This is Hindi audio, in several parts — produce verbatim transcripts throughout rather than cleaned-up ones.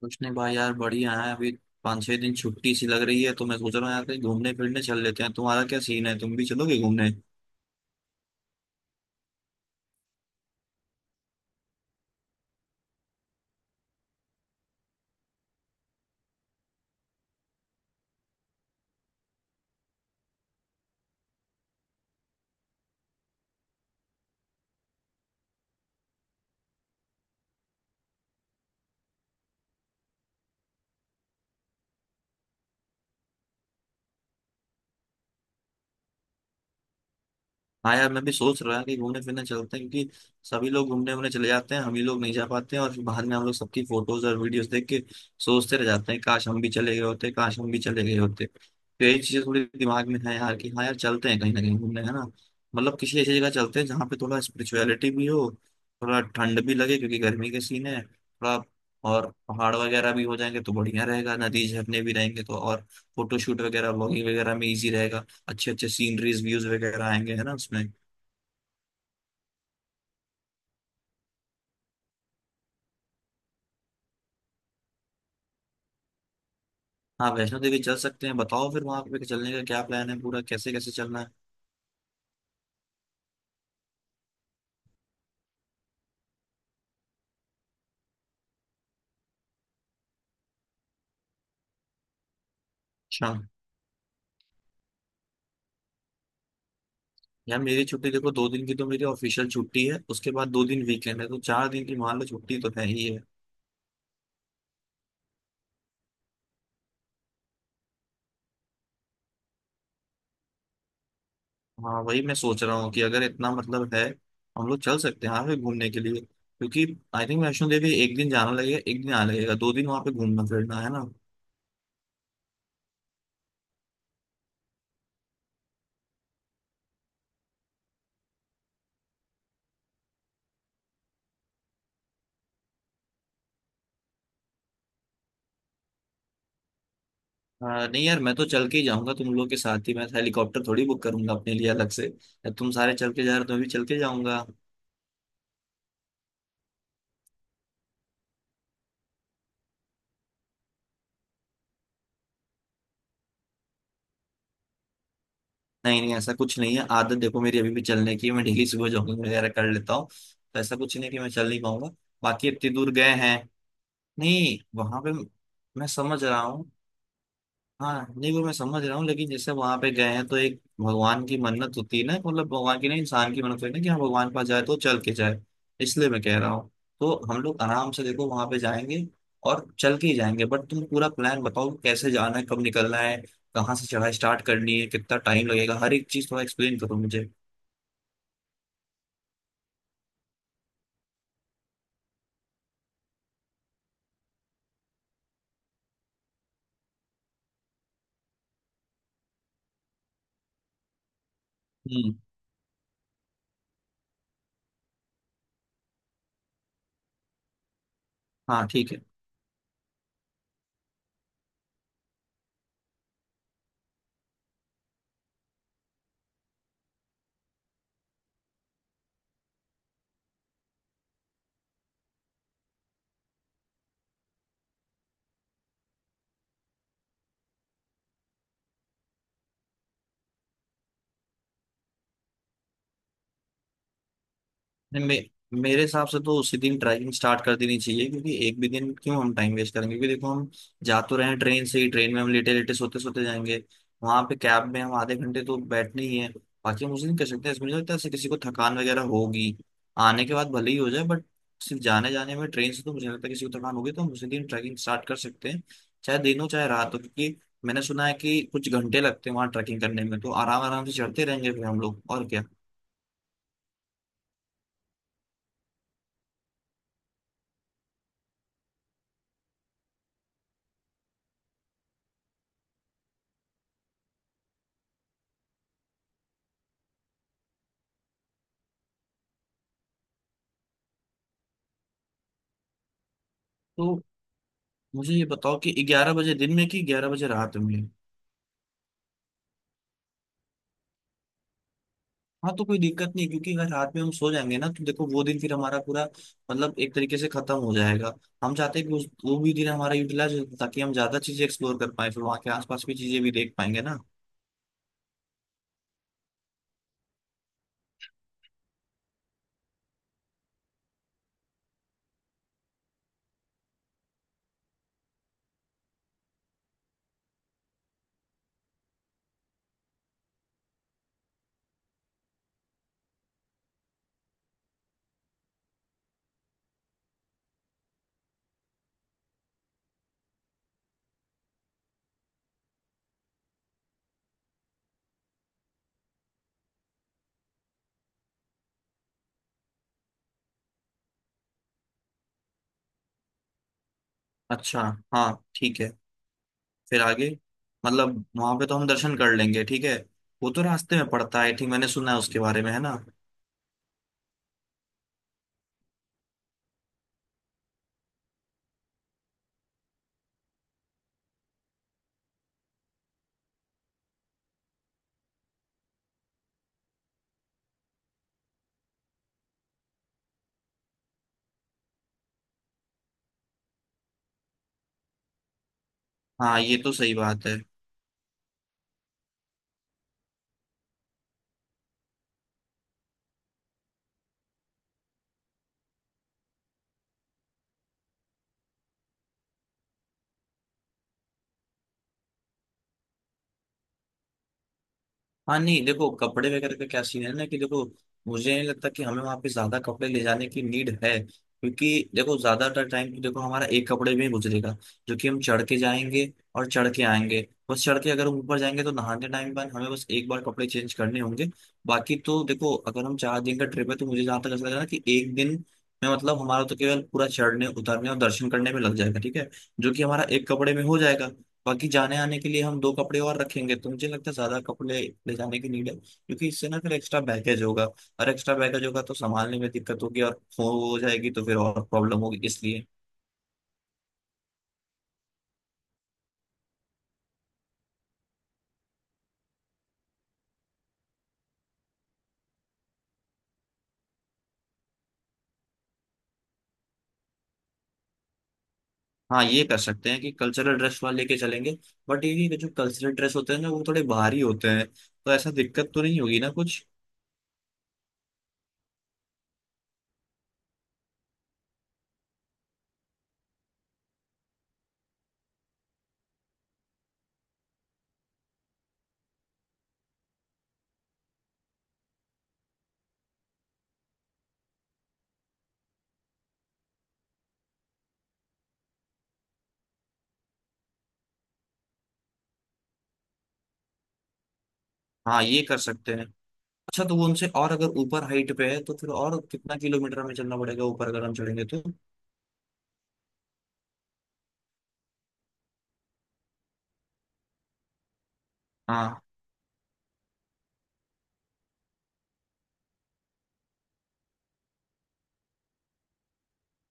कुछ नहीं भाई, यार बढ़िया है। अभी पाँच छह दिन छुट्टी सी लग रही है, तो मैं सोच रहा हूँ यार कहीं घूमने फिरने चल लेते हैं। तुम्हारा क्या सीन है, तुम भी चलोगे घूमने? हाँ यार, मैं भी सोच रहा कि घूमने फिरने चलते हैं, क्योंकि सभी लोग घूमने वूमने चले जाते हैं, हम ही लोग नहीं जा पाते हैं। और फिर बाद में हम लोग सबकी फोटोज और वीडियोस देख के सोचते रह जाते हैं काश हम भी चले गए होते, काश हम भी चले गए होते। तो यही चीजें थोड़ी दिमाग में है यार, कि हाँ यार चलते हैं कहीं ना कहीं घूमने, है ना। मतलब किसी ऐसी जगह चलते हैं जहाँ पे थोड़ा स्पिरिचुअलिटी भी हो, थोड़ा ठंड भी लगे, क्योंकि गर्मी के सीन है थोड़ा। और पहाड़ वगैरह भी हो जाएंगे तो बढ़िया रहेगा, नदी झरने भी रहेंगे तो, और फोटो शूट वगैरह व्लॉगिंग वगैरह में इजी रहेगा। अच्छे अच्छे सीनरीज व्यूज वगैरह आएंगे, है ना उसमें। हाँ, वैष्णो देवी चल सकते हैं। बताओ फिर वहां पे चलने का क्या प्लान है, पूरा कैसे कैसे चलना है। अच्छा, यार मेरी छुट्टी देखो, दो दिन की तो मेरी ऑफिशियल छुट्टी है, उसके बाद दो दिन वीकेंड है, तो चार दिन की मान लो छुट्टी तो है ही है। हाँ वही मैं सोच रहा हूँ कि अगर इतना मतलब है, हम लोग चल सकते हैं यहाँ पे घूमने के लिए, क्योंकि आई थिंक वैष्णो देवी एक दिन जाना लगेगा, एक दिन आना लगेगा, दो दिन वहाँ पे घूमना फिरना, है ना। हाँ नहीं यार, मैं तो चल के ही जाऊंगा तुम लोग के साथ ही। मैं तो हेलीकॉप्टर थोड़ी बुक करूंगा अपने लिए अलग से। या तुम सारे चल के जा रहे हो तो मैं भी चल के जाऊंगा। नहीं नहीं, ऐसा कुछ नहीं है। आदत देखो मेरी अभी भी चलने की है। मैं डेली सुबह जॉगिंग वगैरह कर लेता हूँ, तो ऐसा कुछ नहीं कि मैं चल नहीं पाऊंगा। बाकी इतनी दूर गए हैं नहीं वहां पे। मैं समझ रहा हूँ। हाँ नहीं, वो मैं समझ रहा हूँ, लेकिन जैसे वहां पे गए हैं तो एक भगवान की मन्नत होती है ना, मतलब भगवान की नहीं, इंसान की मन्नत होती है ना, कि हाँ भगवान के पास जाए तो चल के जाए। इसलिए मैं कह रहा हूँ। तो हम लोग आराम से देखो वहां पे जाएंगे और चल के ही जाएंगे, बट तुम पूरा प्लान बताओ कि कैसे जाना है, कब निकलना है, कहाँ से चढ़ाई स्टार्ट करनी है, कितना टाइम लगेगा, हर एक चीज थोड़ा एक्सप्लेन करो मुझे। हम्म। हाँ, ठीक है। नहीं, मे, मेरे हिसाब से तो उसी दिन ट्रैकिंग स्टार्ट कर देनी चाहिए, क्योंकि एक भी दिन क्यों हम टाइम वेस्ट करेंगे। क्योंकि देखो हम जा तो रहे हैं ट्रेन से ही, ट्रेन में हम लेटे लेटे सोते सोते जाएंगे, वहां पे कैब में हम आधे घंटे तो बैठने ही है। बाकी हम उसी दिन कर सकते हैं। इसमें मुझे लगता है ऐसे किसी को थकान वगैरह होगी आने के बाद भले ही हो जाए, बट सिर्फ जाने जाने में ट्रेन से तो मुझे लगता है किसी को थकान होगी। तो हम उसी दिन ट्रैकिंग स्टार्ट कर सकते हैं, चाहे दिन हो चाहे रात हो, क्योंकि मैंने सुना है कि कुछ घंटे लगते हैं वहां ट्रैकिंग करने में, तो आराम आराम से चढ़ते रहेंगे फिर हम लोग, और क्या। तो मुझे ये बताओ कि ग्यारह बजे दिन में कि ग्यारह बजे रात में? हाँ तो कोई दिक्कत नहीं, क्योंकि अगर रात में हम सो जाएंगे ना तो देखो वो दिन फिर हमारा पूरा, मतलब एक तरीके से खत्म हो जाएगा। हम चाहते हैं कि उस, वो भी दिन हमारा यूटिलाइज हो, ताकि हम ज्यादा चीजें एक्सप्लोर कर पाए, फिर वहाँ के आसपास की चीजें भी देख पाएंगे ना। अच्छा। हाँ, ठीक है। फिर आगे मतलब वहां पे तो हम दर्शन कर लेंगे, ठीक है। वो तो रास्ते में पड़ता है, आई थिंक मैंने सुना है उसके बारे में, है ना। हाँ ये तो सही बात है। हाँ नहीं, देखो कपड़े वगैरह का क्या सीन है ना कि देखो, मुझे नहीं लगता कि हमें वहाँ पे ज्यादा कपड़े ले जाने की नीड है, क्योंकि देखो ज्यादातर टाइम तो देखो हमारा एक कपड़े में ही गुजरेगा, जो कि हम चढ़ के जाएंगे और चढ़ के आएंगे। बस चढ़ के अगर हम ऊपर जाएंगे तो नहाने टाइम बाद हमें बस एक बार कपड़े चेंज करने होंगे। बाकी तो देखो, अगर हम चार दिन का ट्रिप है तो मुझे जहाँ तक ऐसा लग रहा है कि एक दिन में मतलब हमारा तो केवल पूरा चढ़ने उतरने और दर्शन करने में लग जाएगा, ठीक है, जो कि हमारा एक कपड़े में हो जाएगा। बाकी जाने आने के लिए हम दो कपड़े और रखेंगे, तो मुझे लगता है ज्यादा कपड़े ले जाने की नीड है, क्योंकि इससे ना फिर एक्स्ट्रा बैगेज होगा, और एक्स्ट्रा बैगेज होगा तो संभालने में दिक्कत होगी, और खो हो जाएगी तो फिर और प्रॉब्लम होगी, इसलिए। हाँ, ये कर सकते हैं कि कल्चरल ड्रेस वाले लेके चलेंगे, बट ये भी जो कल्चरल ड्रेस होते हैं ना, वो थोड़े बाहरी होते हैं, तो ऐसा दिक्कत तो नहीं होगी ना कुछ? हाँ ये कर सकते हैं। अच्छा तो वो उनसे, और अगर ऊपर हाइट पे है तो फिर और कितना किलोमीटर हमें चलना पड़ेगा ऊपर, अगर हम चढ़ेंगे तो? हाँ।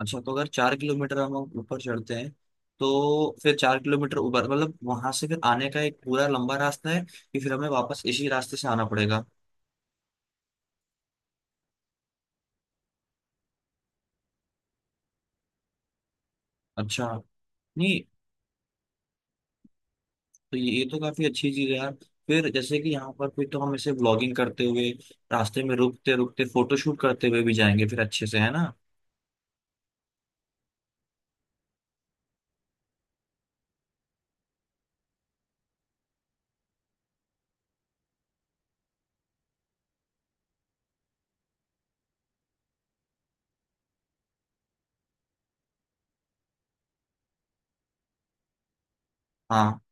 अच्छा, तो अगर चार किलोमीटर हम ऊपर चढ़ते हैं, तो फिर चार किलोमीटर ऊपर मतलब वहां से फिर आने का एक पूरा लंबा रास्ता है, कि फिर हमें वापस इसी रास्ते से आना पड़ेगा? अच्छा। नहीं, तो ये, ये तो काफी अच्छी चीज है यार। फिर जैसे कि यहाँ पर फिर तो हम ऐसे व्लॉगिंग करते हुए, रास्ते में रुकते रुकते फोटोशूट करते हुए भी जाएंगे फिर अच्छे से, है ना। हाँ।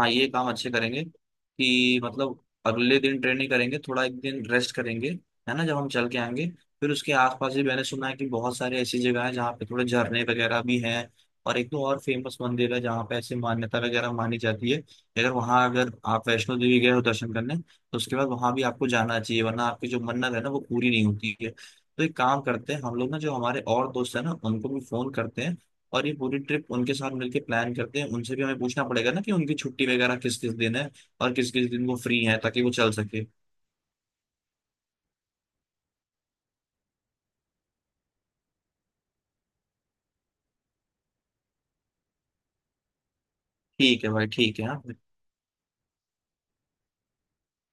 हाँ ये काम अच्छे करेंगे, कि मतलब अगले दिन ट्रेनिंग करेंगे, थोड़ा एक दिन रेस्ट करेंगे, है ना, जब हम चल के आएंगे। फिर उसके आसपास भी मैंने सुना है कि बहुत सारे ऐसी जगह है जहाँ पे थोड़े झरने वगैरह भी हैं, और एक दो और फेमस मंदिर है जहाँ पे ऐसी मान्यता वगैरह मानी जाती है, अगर वहाँ, अगर आप वैष्णो देवी गए हो दर्शन करने तो उसके बाद वहाँ भी आपको जाना चाहिए, वरना आपकी जो मन्नत है ना वो पूरी नहीं होती है। तो एक काम करते हैं हम लोग ना, जो हमारे और दोस्त है ना उनको भी फोन करते हैं, और ये पूरी ट्रिप उनके साथ मिलके प्लान करते हैं। उनसे भी हमें पूछना पड़ेगा ना कि उनकी छुट्टी वगैरह किस किस दिन है, और किस किस दिन वो फ्री है, ताकि वो चल सके। ठीक है भाई, ठीक है, हाँ।